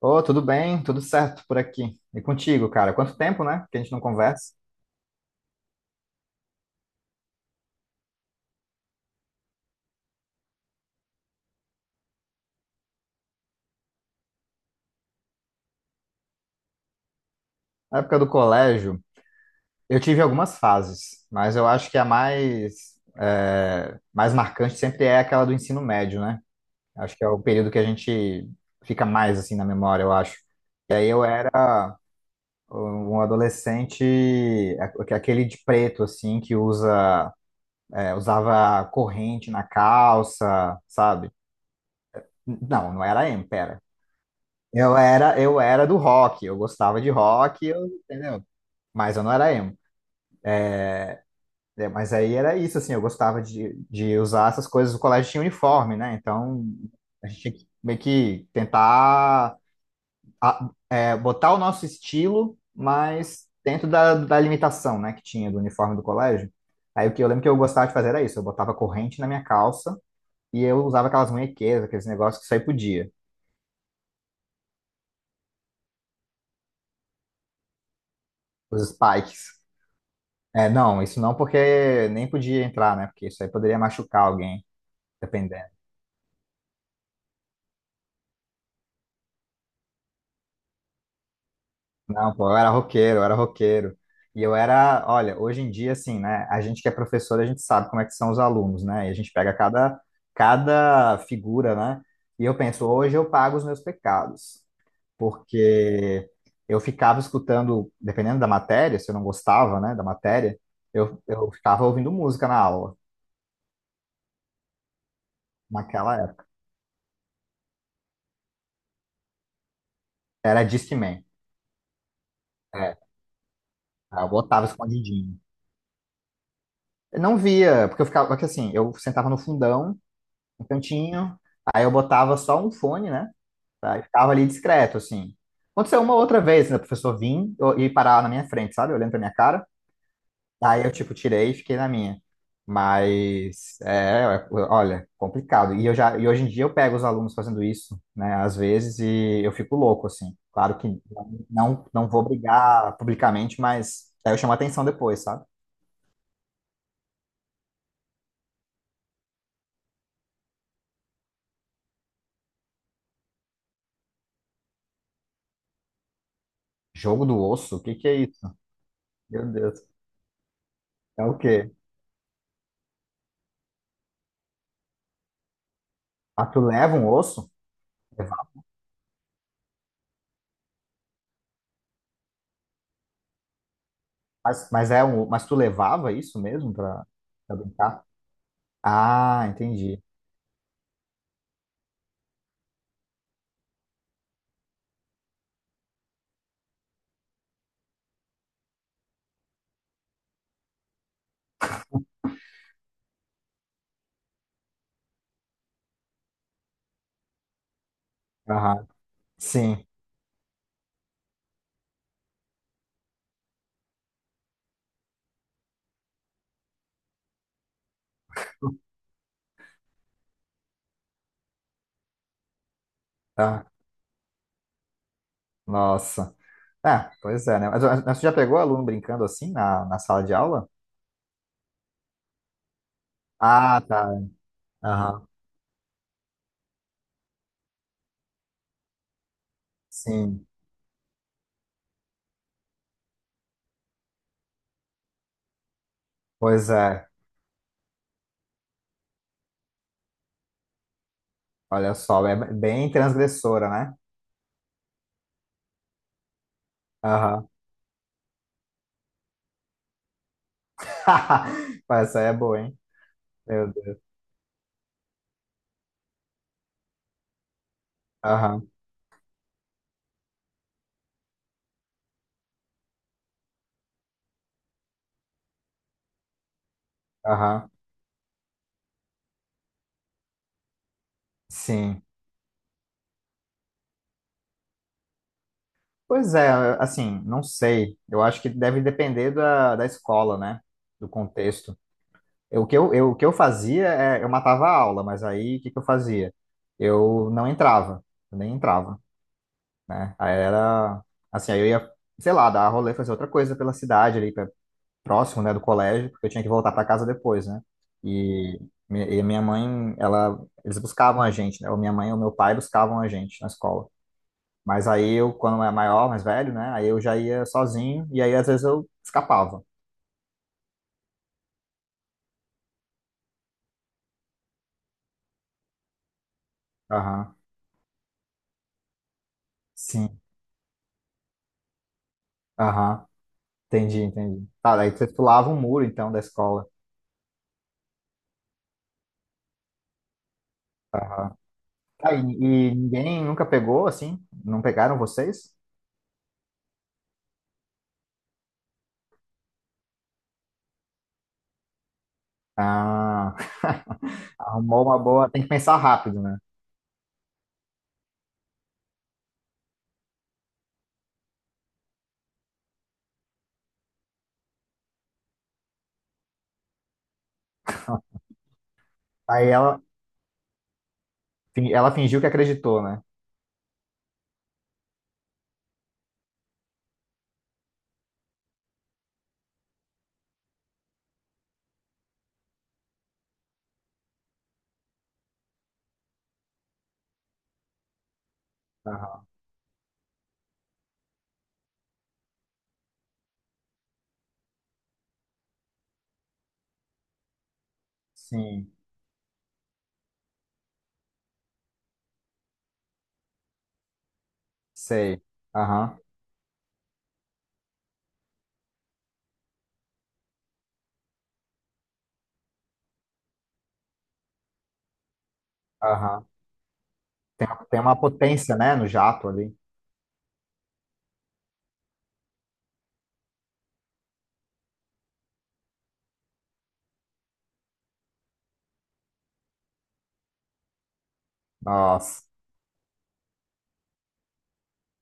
Ô, tudo bem? Tudo certo por aqui. E contigo, cara? Quanto tempo, né? Que a gente não conversa. Na época do colégio, eu tive algumas fases, mas eu acho que a mais, mais marcante sempre é aquela do ensino médio, né? Acho que é o período que a gente fica mais assim na memória, eu acho. E aí eu era um adolescente, aquele de preto, assim, que usava corrente na calça, sabe? Não, não era emo, pera. Eu era do rock, eu gostava de rock, eu, entendeu? Mas eu não era emo. É, mas aí era isso, assim, eu gostava de usar essas coisas. O colégio tinha uniforme, né? Então a gente tinha que meio que tentar a- botar o nosso estilo, mas dentro da limitação, né, que tinha do uniforme do colégio. Aí o que eu lembro que eu gostava de fazer era isso: eu botava corrente na minha calça e eu usava aquelas munhequeiras, aqueles negócios que só aí podia, os spikes. É, não, isso não, porque nem podia entrar, né? Porque isso aí poderia machucar alguém, dependendo. Não, pô, eu era roqueiro, eu era roqueiro. E eu era, olha, hoje em dia, assim, né? A gente que é professor, a gente sabe como é que são os alunos, né? E a gente pega cada figura, né? E eu penso, hoje eu pago os meus pecados, porque eu ficava escutando, dependendo da matéria, se eu não gostava, né, da matéria, eu ficava ouvindo música na aula, naquela época. Era Discman, é, eu botava escondidinho. Eu não via, porque eu ficava, porque assim, eu sentava no fundão, no cantinho, aí eu botava só um fone, né? Tá? E ficava ali discreto, assim. Aconteceu uma outra vez, né? O professor vinha e parava na minha frente, sabe? Olhando pra minha cara. Aí eu, tipo, tirei e fiquei na minha. Mas, é, olha, complicado. E eu já, e hoje em dia eu pego os alunos fazendo isso, né? Às vezes, e eu fico louco, assim. Claro que não, não vou brigar publicamente, mas aí eu chamo a atenção depois, sabe? Jogo do osso? O que que é isso? Meu Deus. É o quê? Ah, tu leva um osso? Levava. Mas é um, mas tu levava isso mesmo pra brincar? Ah, entendi. Aham. Sim. Tá. Nossa. É, pois é, né? Mas tu já pegou aluno brincando assim na sala de aula? Ah, tá. Aham. Sim. Pois é. Olha só, é bem transgressora, né? Aham. Pô, essa aí é boa, hein? Meu Deus. Aham. Aham. Sim. Pois é, assim, não sei. Eu acho que deve depender da escola, né? Do contexto. O que eu fazia é, eu matava a aula, mas aí o que que eu fazia? Eu não entrava, eu nem entrava, né? Aí era, assim, aí eu ia, sei lá, dar rolê, fazer outra coisa pela cidade ali, próximo, né, do colégio, porque eu tinha que voltar para casa depois, né? E, e a minha mãe, ela, eles buscavam a gente, né? Ou minha mãe ou meu pai buscavam a gente na escola. Mas aí eu, quando era maior, mais velho, né? Aí eu já ia sozinho e aí às vezes eu escapava. Aham. Sim. Aham. Entendi, entendi. Tá, daí você pulava um muro então da escola. Aham. Tá, e ninguém nunca pegou assim? Não pegaram vocês? Ah, arrumou uma boa. Tem que pensar rápido, né? Aí ela, ela fingiu que acreditou, né? Aham. Sim, sei. Aham, aham. Tem uma potência, né, no jato ali. Nossa,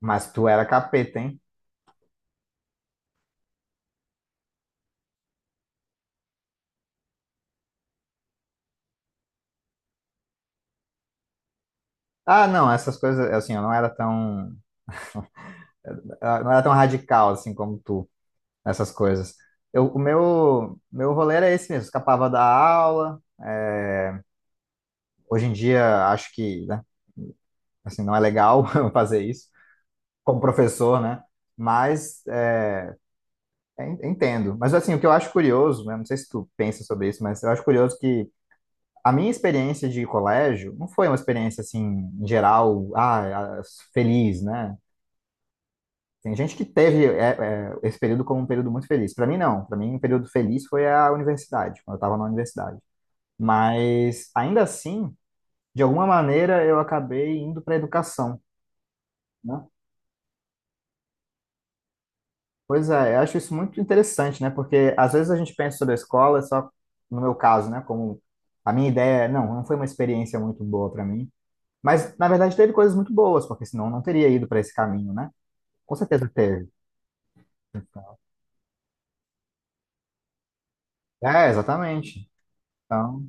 mas tu era capeta, hein? Ah, não, essas coisas, assim, eu não era tão, eu não era tão radical, assim, como tu, essas coisas. Meu rolê era esse mesmo, escapava da aula. Hoje em dia, acho que, né, assim, não é legal fazer isso, como professor, né? Mas, é, entendo. Mas, assim, o que eu acho curioso, né, não sei se tu pensa sobre isso, mas eu acho curioso que a minha experiência de colégio não foi uma experiência, assim, em geral, ah, feliz, né? Tem gente que teve esse período como um período muito feliz. Para mim, não. Para mim, um período feliz foi a universidade, quando eu estava na universidade. Mas, ainda assim, de alguma maneira, eu acabei indo para a educação, né? Pois é, eu acho isso muito interessante, né? Porque às vezes a gente pensa sobre a escola, só no meu caso, né? Como a minha ideia, não, não foi uma experiência muito boa para mim. Mas, na verdade, teve coisas muito boas, porque senão eu não teria ido para esse caminho, né? Com certeza teve. Então, é, exatamente. Então,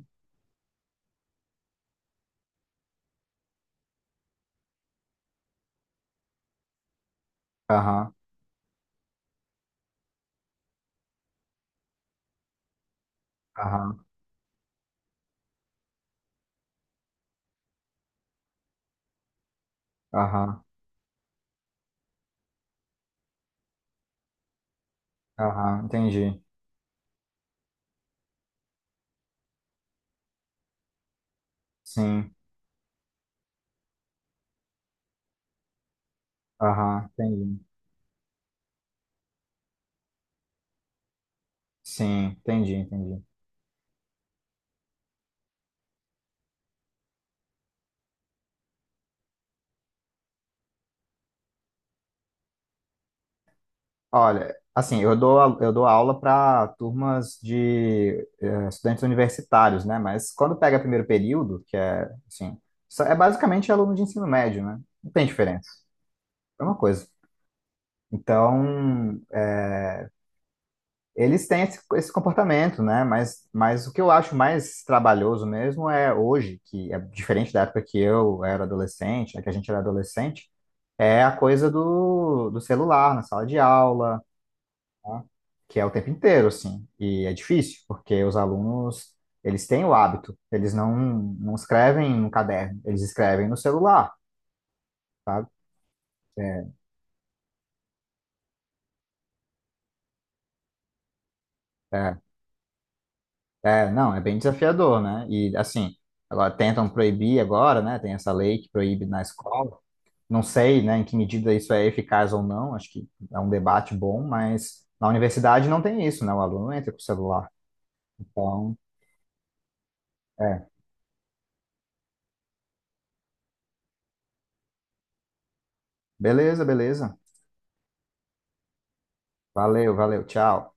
aham, aham. Aham, aham, entendi. Sim, aham, entendi. Sim, entendi, entendi. Olha, assim, eu dou, eu dou aula para turmas de eh, estudantes universitários, né? Mas quando pega primeiro período, que é, assim, é basicamente aluno de ensino médio, né? Não tem diferença, é uma coisa. Então, eh, eles têm esse comportamento, né? Mas o que eu acho mais trabalhoso mesmo é hoje, que é diferente da época que eu era adolescente, né? Que a gente era adolescente, é a coisa do celular na sala de aula, tá? Que é o tempo inteiro, assim. E é difícil, porque os alunos, eles têm o hábito, eles não, não escrevem no caderno, eles escrevem no celular, sabe? É, é, não, é bem desafiador, né? E assim, agora tentam proibir agora, né? Tem essa lei que proíbe na escola. Não sei, né, em que medida isso é eficaz ou não, acho que é um debate bom, mas na universidade não tem isso, né? O aluno entra com o celular. Então, é, beleza, beleza. Valeu, valeu, tchau.